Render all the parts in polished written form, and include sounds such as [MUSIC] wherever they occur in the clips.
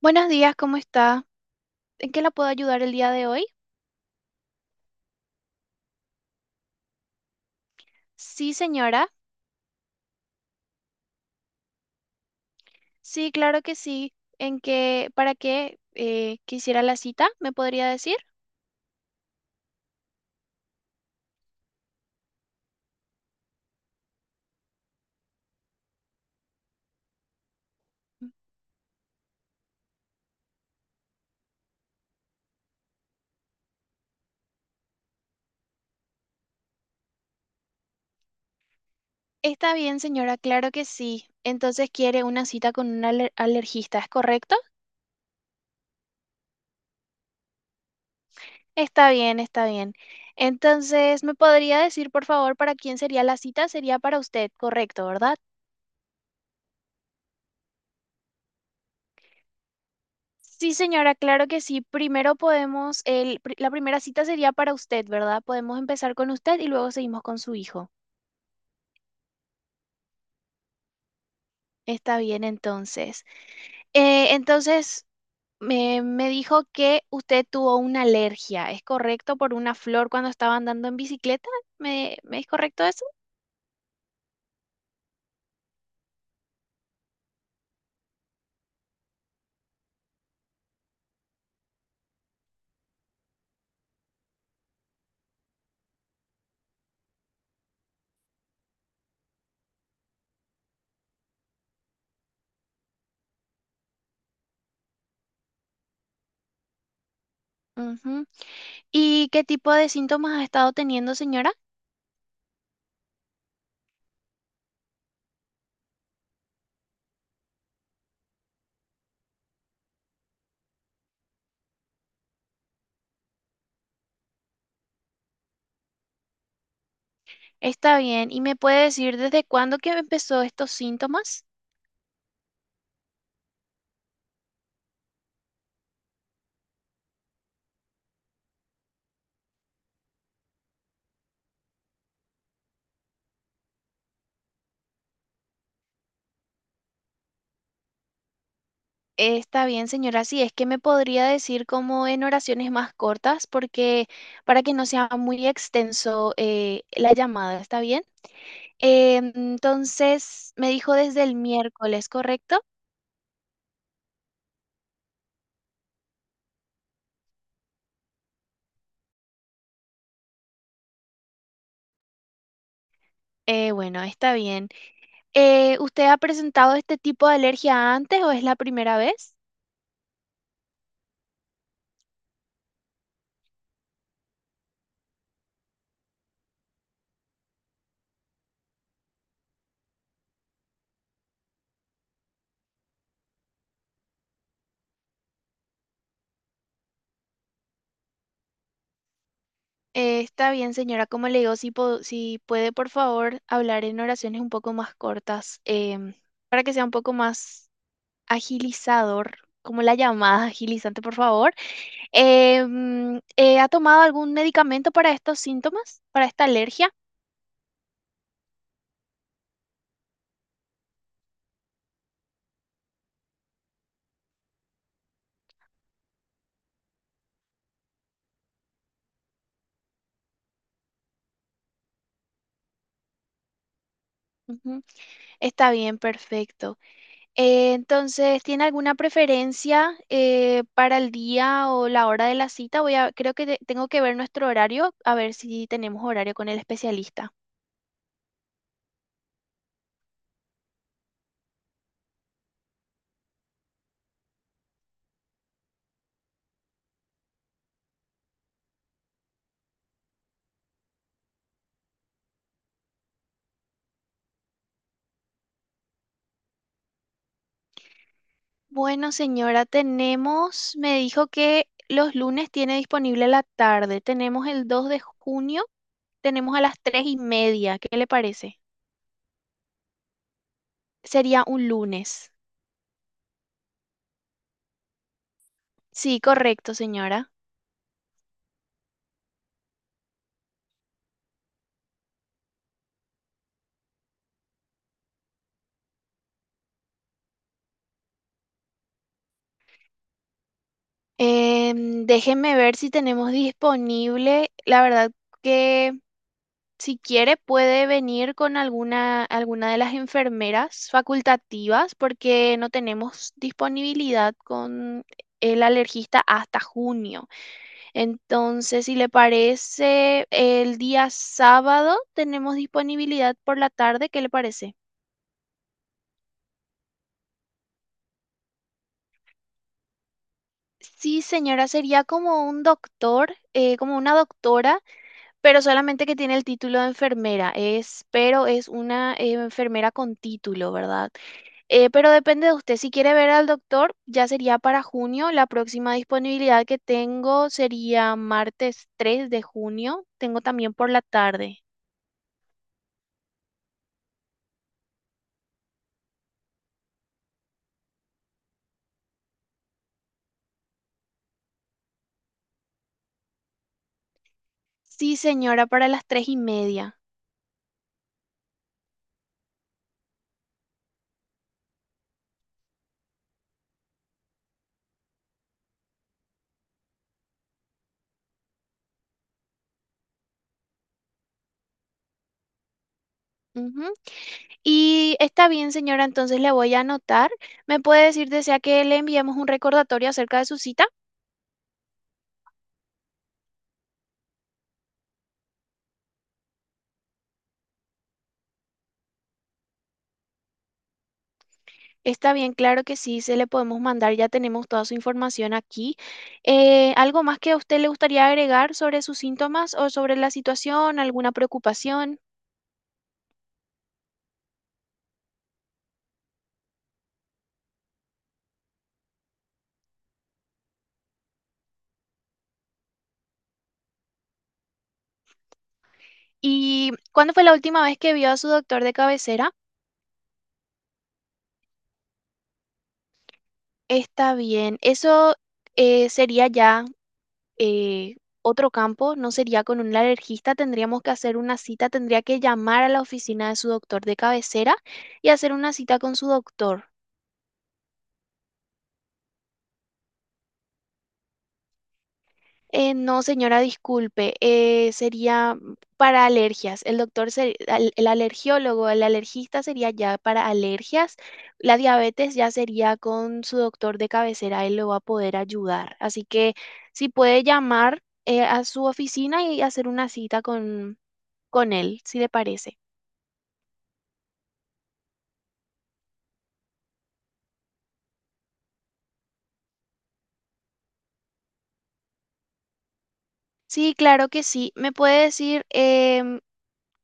Buenos días, ¿cómo está? ¿En qué la puedo ayudar el día de hoy? Sí, señora. Sí, claro que sí. ¿Para qué quisiera la cita? ¿Me podría decir? Está bien, señora, claro que sí. Entonces quiere una cita con un alergista, ¿es correcto? Está bien, está bien. Entonces, ¿me podría decir, por favor, para quién sería la cita? Sería para usted, correcto, ¿verdad? Sí, señora, claro que sí. Primero podemos, la primera cita sería para usted, ¿verdad? Podemos empezar con usted y luego seguimos con su hijo. Está bien, entonces. Entonces, me dijo que usted tuvo una alergia, ¿es correcto? Por una flor cuando estaba andando en bicicleta. ¿Me es correcto eso? Ujú. ¿Y qué tipo de síntomas ha estado teniendo, señora? Está bien. ¿Y me puede decir desde cuándo que empezó estos síntomas? Está bien, señora. Sí, es que me podría decir como en oraciones más cortas, porque para que no sea muy extenso la llamada, ¿está bien? Entonces, me dijo desde el miércoles, ¿correcto? Bueno, está bien. ¿Usted ha presentado este tipo de alergia antes o es la primera vez? Está bien, señora. Como le digo, si puede, por favor, hablar en oraciones un poco más cortas, para que sea un poco más agilizador, como la llamada [LAUGHS] agilizante, por favor. ¿Ha tomado algún medicamento para estos síntomas, para esta alergia? Ujú. Está bien, perfecto. Entonces, ¿tiene alguna preferencia para el día o la hora de la cita? Creo que tengo que ver nuestro horario, a ver si tenemos horario con el especialista. Bueno, señora, tenemos, me dijo que los lunes tiene disponible la tarde. Tenemos el 2 de junio, tenemos a las 3:30. ¿Qué le parece? Sería un lunes. Sí, correcto, señora. Déjeme ver si tenemos disponible. La verdad que si quiere puede venir con alguna de las enfermeras facultativas porque no tenemos disponibilidad con el alergista hasta junio. Entonces, si le parece, el día sábado tenemos disponibilidad por la tarde. ¿Qué le parece? Sí, señora, sería como un doctor, como una doctora. Pero solamente que tiene el título de enfermera, pero es una enfermera con título, ¿verdad? Pero depende de usted. Si quiere ver al doctor, ya sería para junio. La próxima disponibilidad que tengo sería martes 3 de junio. Tengo también por la tarde. Sí, señora, para las 3:30. Ujú. Y está bien, señora, entonces le voy a anotar. ¿Me puede decir, desea que le enviemos un recordatorio acerca de su cita? Está bien, claro que sí, se le podemos mandar, ya tenemos toda su información aquí. ¿Algo más que a usted le gustaría agregar sobre sus síntomas o sobre la situación, alguna preocupación? ¿Y cuándo fue la última vez que vio a su doctor de cabecera? Está bien. Eso sería ya eh, otro campo, no sería con un alergista, tendríamos que hacer una cita, tendría que llamar a la oficina de su doctor de cabecera y hacer una cita con su doctor. No, señora, disculpe, sería para alergias. El doctor, se- al- el alergiólogo, el alergista sería ya para alergias. La diabetes ya sería con su doctor de cabecera, él lo va a poder ayudar. Así que si puede llamar a su oficina y hacer una cita con él, si le parece. Sí, claro que sí. ¿Me puede decir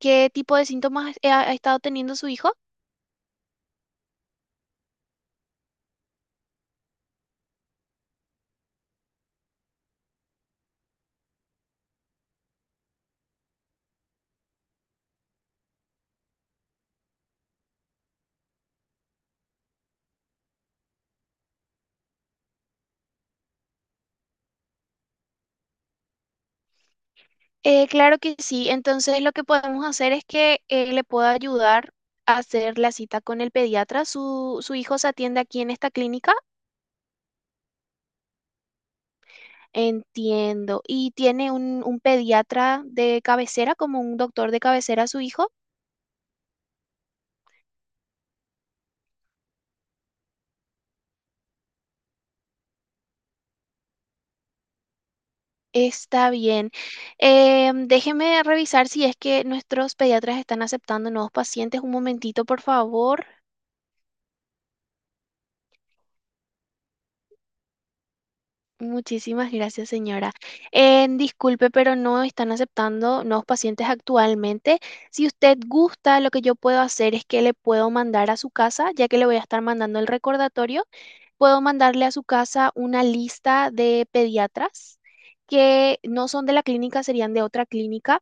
qué tipo de síntomas ha estado teniendo su hijo? Claro que sí. Entonces lo que podemos hacer es que le pueda ayudar a hacer la cita con el pediatra. Su hijo se atiende aquí en esta clínica. Entiendo. ¿Y tiene un pediatra de cabecera, como un doctor de cabecera su hijo? Está bien. Déjeme revisar si es que nuestros pediatras están aceptando nuevos pacientes. Un momentito, por favor. Muchísimas gracias, señora. Disculpe, pero no están aceptando nuevos pacientes actualmente. Si usted gusta, lo que yo puedo hacer es que le puedo mandar a su casa, ya que le voy a estar mandando el recordatorio, puedo mandarle a su casa una lista de pediatras que no son de la clínica, serían de otra clínica,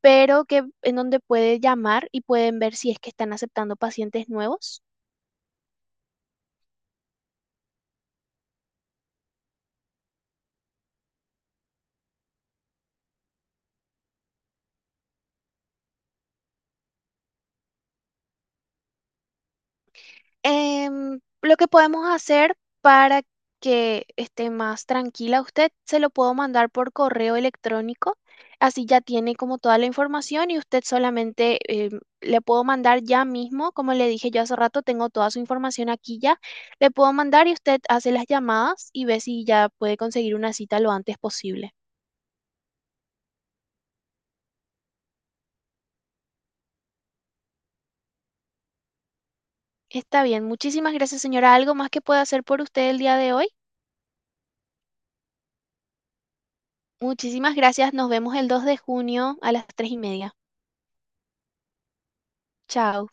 pero que en donde puede llamar y pueden ver si es que están aceptando pacientes nuevos. Lo que podemos hacer para que esté más tranquila usted, se lo puedo mandar por correo electrónico, así ya tiene como toda la información y usted solamente le puedo mandar ya mismo, como le dije yo hace rato, tengo toda su información aquí ya, le puedo mandar y usted hace las llamadas y ve si ya puede conseguir una cita lo antes posible. Está bien, muchísimas gracias señora. ¿Algo más que pueda hacer por usted el día de hoy? Muchísimas gracias, nos vemos el 2 de junio a las 3:30. Chao.